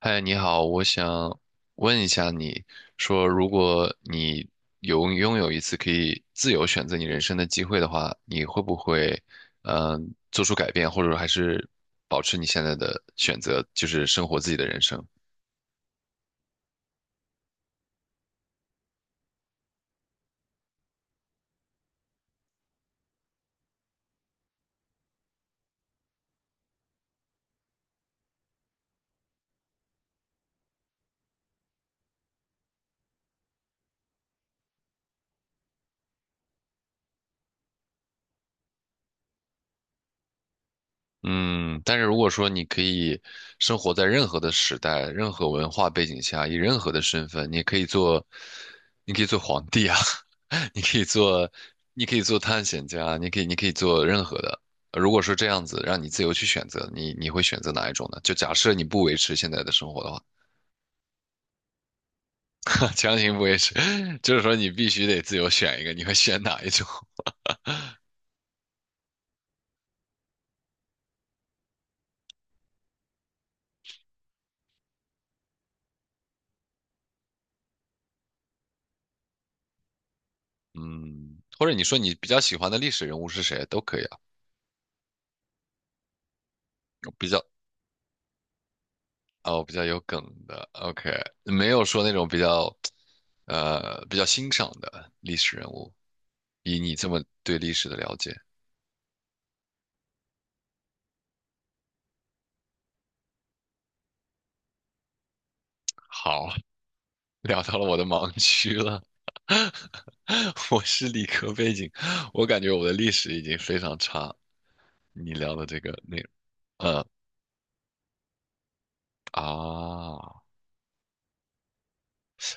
嗨，你好，我想问一下你，说如果你有拥有一次可以自由选择你人生的机会的话，你会不会，做出改变，或者说还是保持你现在的选择，就是生活自己的人生？嗯，但是如果说你可以生活在任何的时代、任何文化背景下，以任何的身份，你可以做，你可以做，皇帝啊，你可以做，你可以做，探险家，你可以做任何的。如果说这样子让你自由去选择，你会选择哪一种呢？就假设你不维持现在的生活的话，强行不维持，就是说你必须得自由选一个，你会选哪一种？嗯，或者你说你比较喜欢的历史人物是谁都可以啊，比较哦，比较有梗的，OK，没有说那种比较欣赏的历史人物。以你这么对历史的了解，好，聊到了我的盲区了。我是理科背景，我感觉我的历史已经非常差。你聊的这个内容，呃，啊，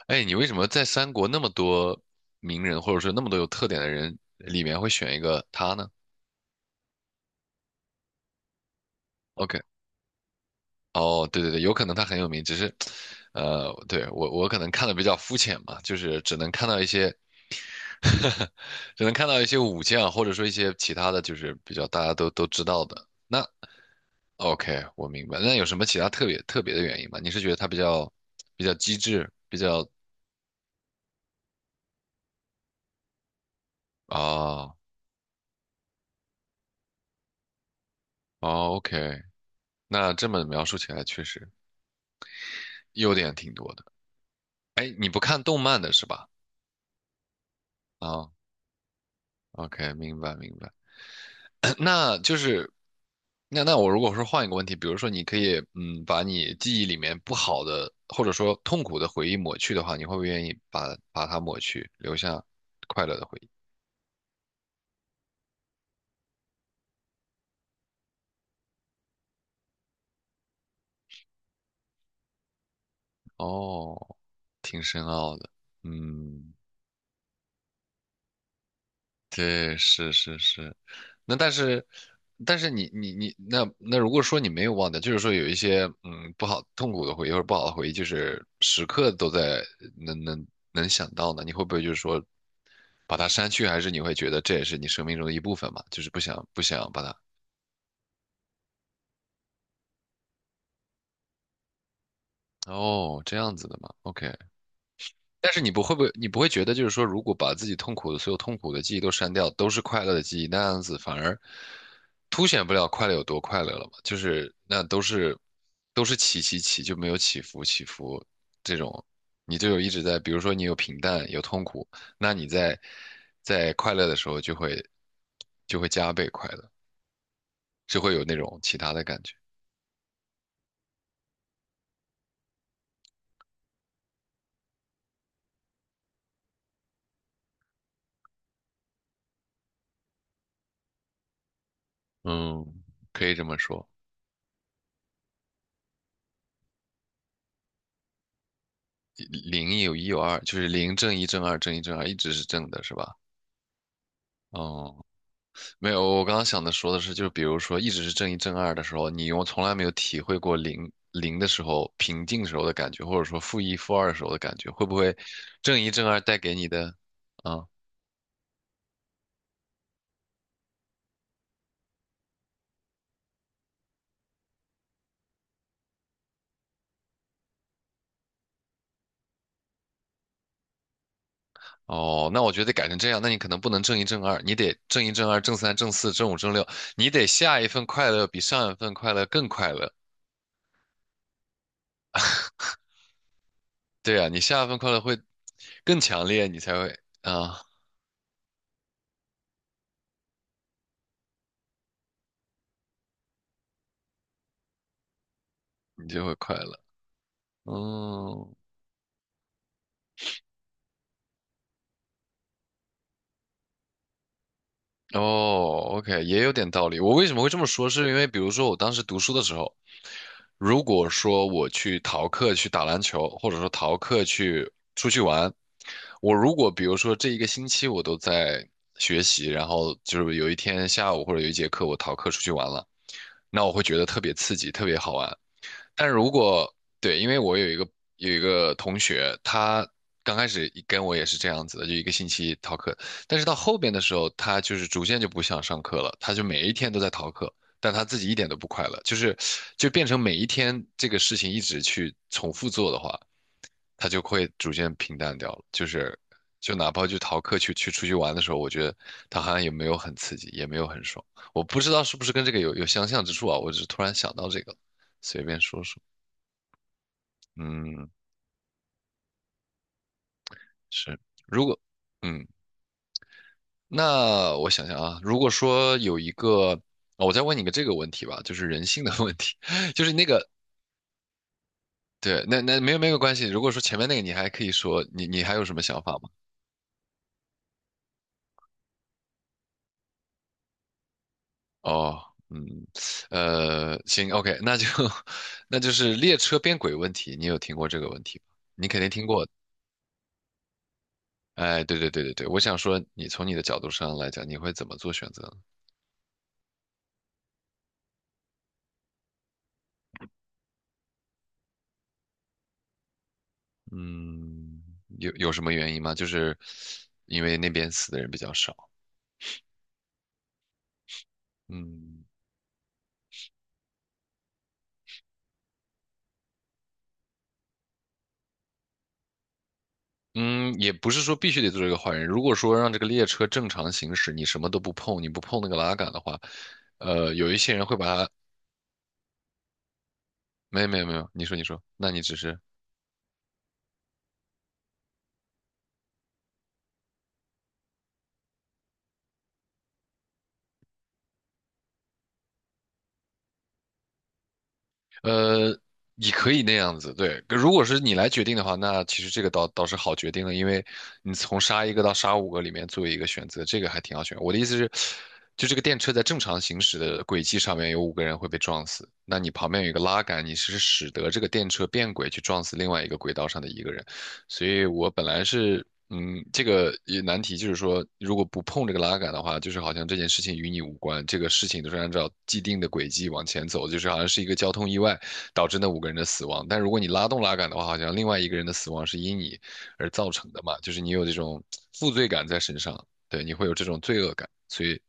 哎，你为什么在三国那么多名人，或者说那么多有特点的人里面会选一个他呢？OK？o k 哦，对对对，有可能他很有名，只是，对，我可能看的比较肤浅嘛，就是只能看到一些，只能看到一些武将，或者说一些其他的就是比较大家都知道的。那 OK，我明白。那有什么其他特别特别的原因吗？你是觉得他比较机智，比较啊哦，OK，那这么描述起来确实优点挺多的。哎，你不看动漫的是吧？啊，OK，明白明白。那就是，那我如果说换一个问题，比如说你可以把你记忆里面不好的或者说痛苦的回忆抹去的话，你会不会愿意把它抹去，留下快乐的回忆？哦，挺深奥的，嗯。对，是是是，那但是你那如果说你没有忘掉，就是说有一些不好痛苦的回忆或者不好的回忆，就是时刻都在能想到呢，你会不会就是说把它删去，还是你会觉得这也是你生命中的一部分嘛，就是不想把它哦这样子的嘛，OK，但是你不会，你不会觉得就是说，如果把自己痛苦的所有痛苦的记忆都删掉，都是快乐的记忆，那样子反而凸显不了快乐有多快乐了嘛？就是那都是起起起，就没有起伏这种，你就有一直在，比如说你有平淡有痛苦，那你在快乐的时候就会加倍快乐，就会有那种其他的感觉。嗯，可以这么说，零有一有二，就是零正一正二正一正二一直是正的，是吧？哦、没有，我刚刚想的说的是，就是比如说一直是正一正二的时候，你我从来没有体会过零零的时候平静时候的感觉，或者说负一负二时候的感觉，会不会正一正二带给你的啊？哦，那我觉得得改成这样，那你可能不能正一正二，你得正一正二正三正四正五正六，你得下一份快乐比上一份快乐更快乐。对啊，你下一份快乐会更强烈，你才会啊，你就会快乐。嗯，哦，OK，也有点道理。我为什么会这么说？是因为比如说我当时读书的时候，如果说我去逃课去打篮球，或者说逃课去出去玩，我如果比如说这一个星期我都在学习，然后就是有一天下午或者有一节课我逃课出去玩了，那我会觉得特别刺激，特别好玩。但如果对，因为我有一个同学，他刚开始跟我也是这样子的，就一个星期逃课，但是到后边的时候，他就是逐渐就不想上课了，他就每一天都在逃课，但他自己一点都不快乐，就是就变成每一天这个事情一直去重复做的话，他就会逐渐平淡掉了，就是就哪怕就逃课去出去玩的时候，我觉得他好像也没有很刺激，也没有很爽，我不知道是不是跟这个有相像之处啊，我只是突然想到这个了随便说说。嗯，是。如果，嗯，那我想想啊，如果说有一个，哦，我再问你个这个问题吧，就是人性的问题，就是那个，对，那没有关系。如果说前面那个你还可以说，你还有什么想法吗？哦，嗯，行，OK，那就是列车变轨问题，你有听过这个问题吗？你肯定听过。哎，对对对对对，我想说，你从你的角度上来讲，你会怎么做选择呢？嗯，有什么原因吗？就是因为那边死的人比较少。嗯嗯，也不是说必须得做这个坏人。如果说让这个列车正常行驶，你什么都不碰，你不碰那个拉杆的话，有一些人会把它。没有没有没有，你说你说，那你只是呃，你可以那样子，对。如果是你来决定的话，那其实这个倒是好决定的，因为你从杀一个到杀五个里面做一个选择，这个还挺好选。我的意思是，就这个电车在正常行驶的轨迹上面有五个人会被撞死，那你旁边有一个拉杆，你是使得这个电车变轨去撞死另外一个轨道上的一个人。所以我本来是，这个也难题就是说，如果不碰这个拉杆的话，就是好像这件事情与你无关，这个事情都是按照既定的轨迹往前走，就是好像是一个交通意外导致那五个人的死亡。但如果你拉动拉杆的话，好像另外一个人的死亡是因你而造成的嘛，就是你有这种负罪感在身上，对，你会有这种罪恶感，所以，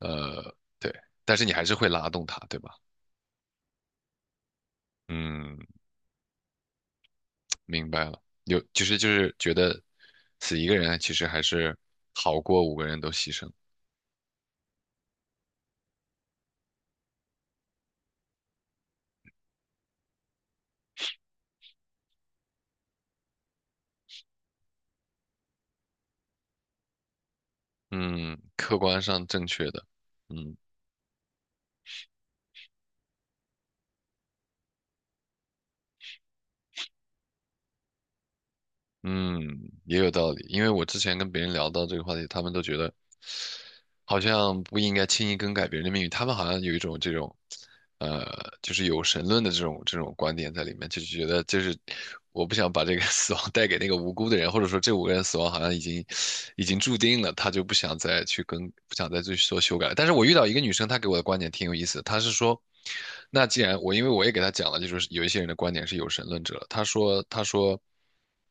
呃，对，但是你还是会拉动它，对吧？嗯，明白了，有就是就是觉得死一个人其实还是好过五个人都牺牲。嗯，客观上正确的，嗯嗯，也有道理。因为我之前跟别人聊到这个话题，他们都觉得好像不应该轻易更改别人的命运，他们好像有一种这种。呃，就是有神论的这种观点在里面，就是觉得我不想把这个 死亡带给那个无辜的人，或者说这五个人死亡好像已经注定了，他就不想再去跟不想再去做修改了，但是我遇到一个女生，她给我的观点挺有意思的，她是说，那既然我因为我也给她讲了，就是有一些人的观点是有神论者，她说。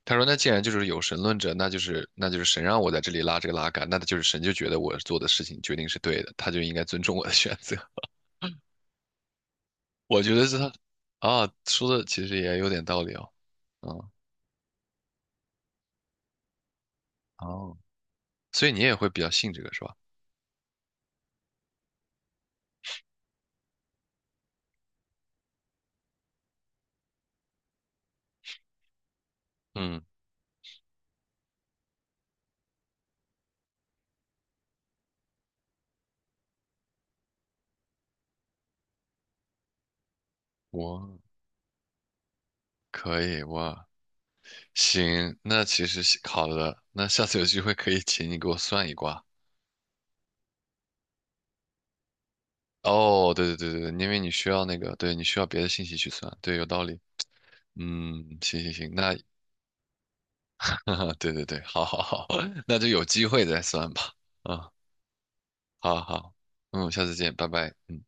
他说："那既然就是有神论者，那就是那就是神让我在这里拉这个拉杆，那他就是神就觉得我做的事情决定是对的，他就应该尊重我的选择。"我觉得是他啊，说的其实也有点道理哦。嗯，哦，所以你也会比较信这个是吧？嗯，我可以，我行，那其实是好的，那下次有机会可以请你给我算一卦。哦，对对对对因为你需要那个，对你需要别的信息去算，对，有道理。嗯，行行行，那 对对对，好好好，那就有机会再算吧。啊，好好，嗯，下次见，拜拜。嗯。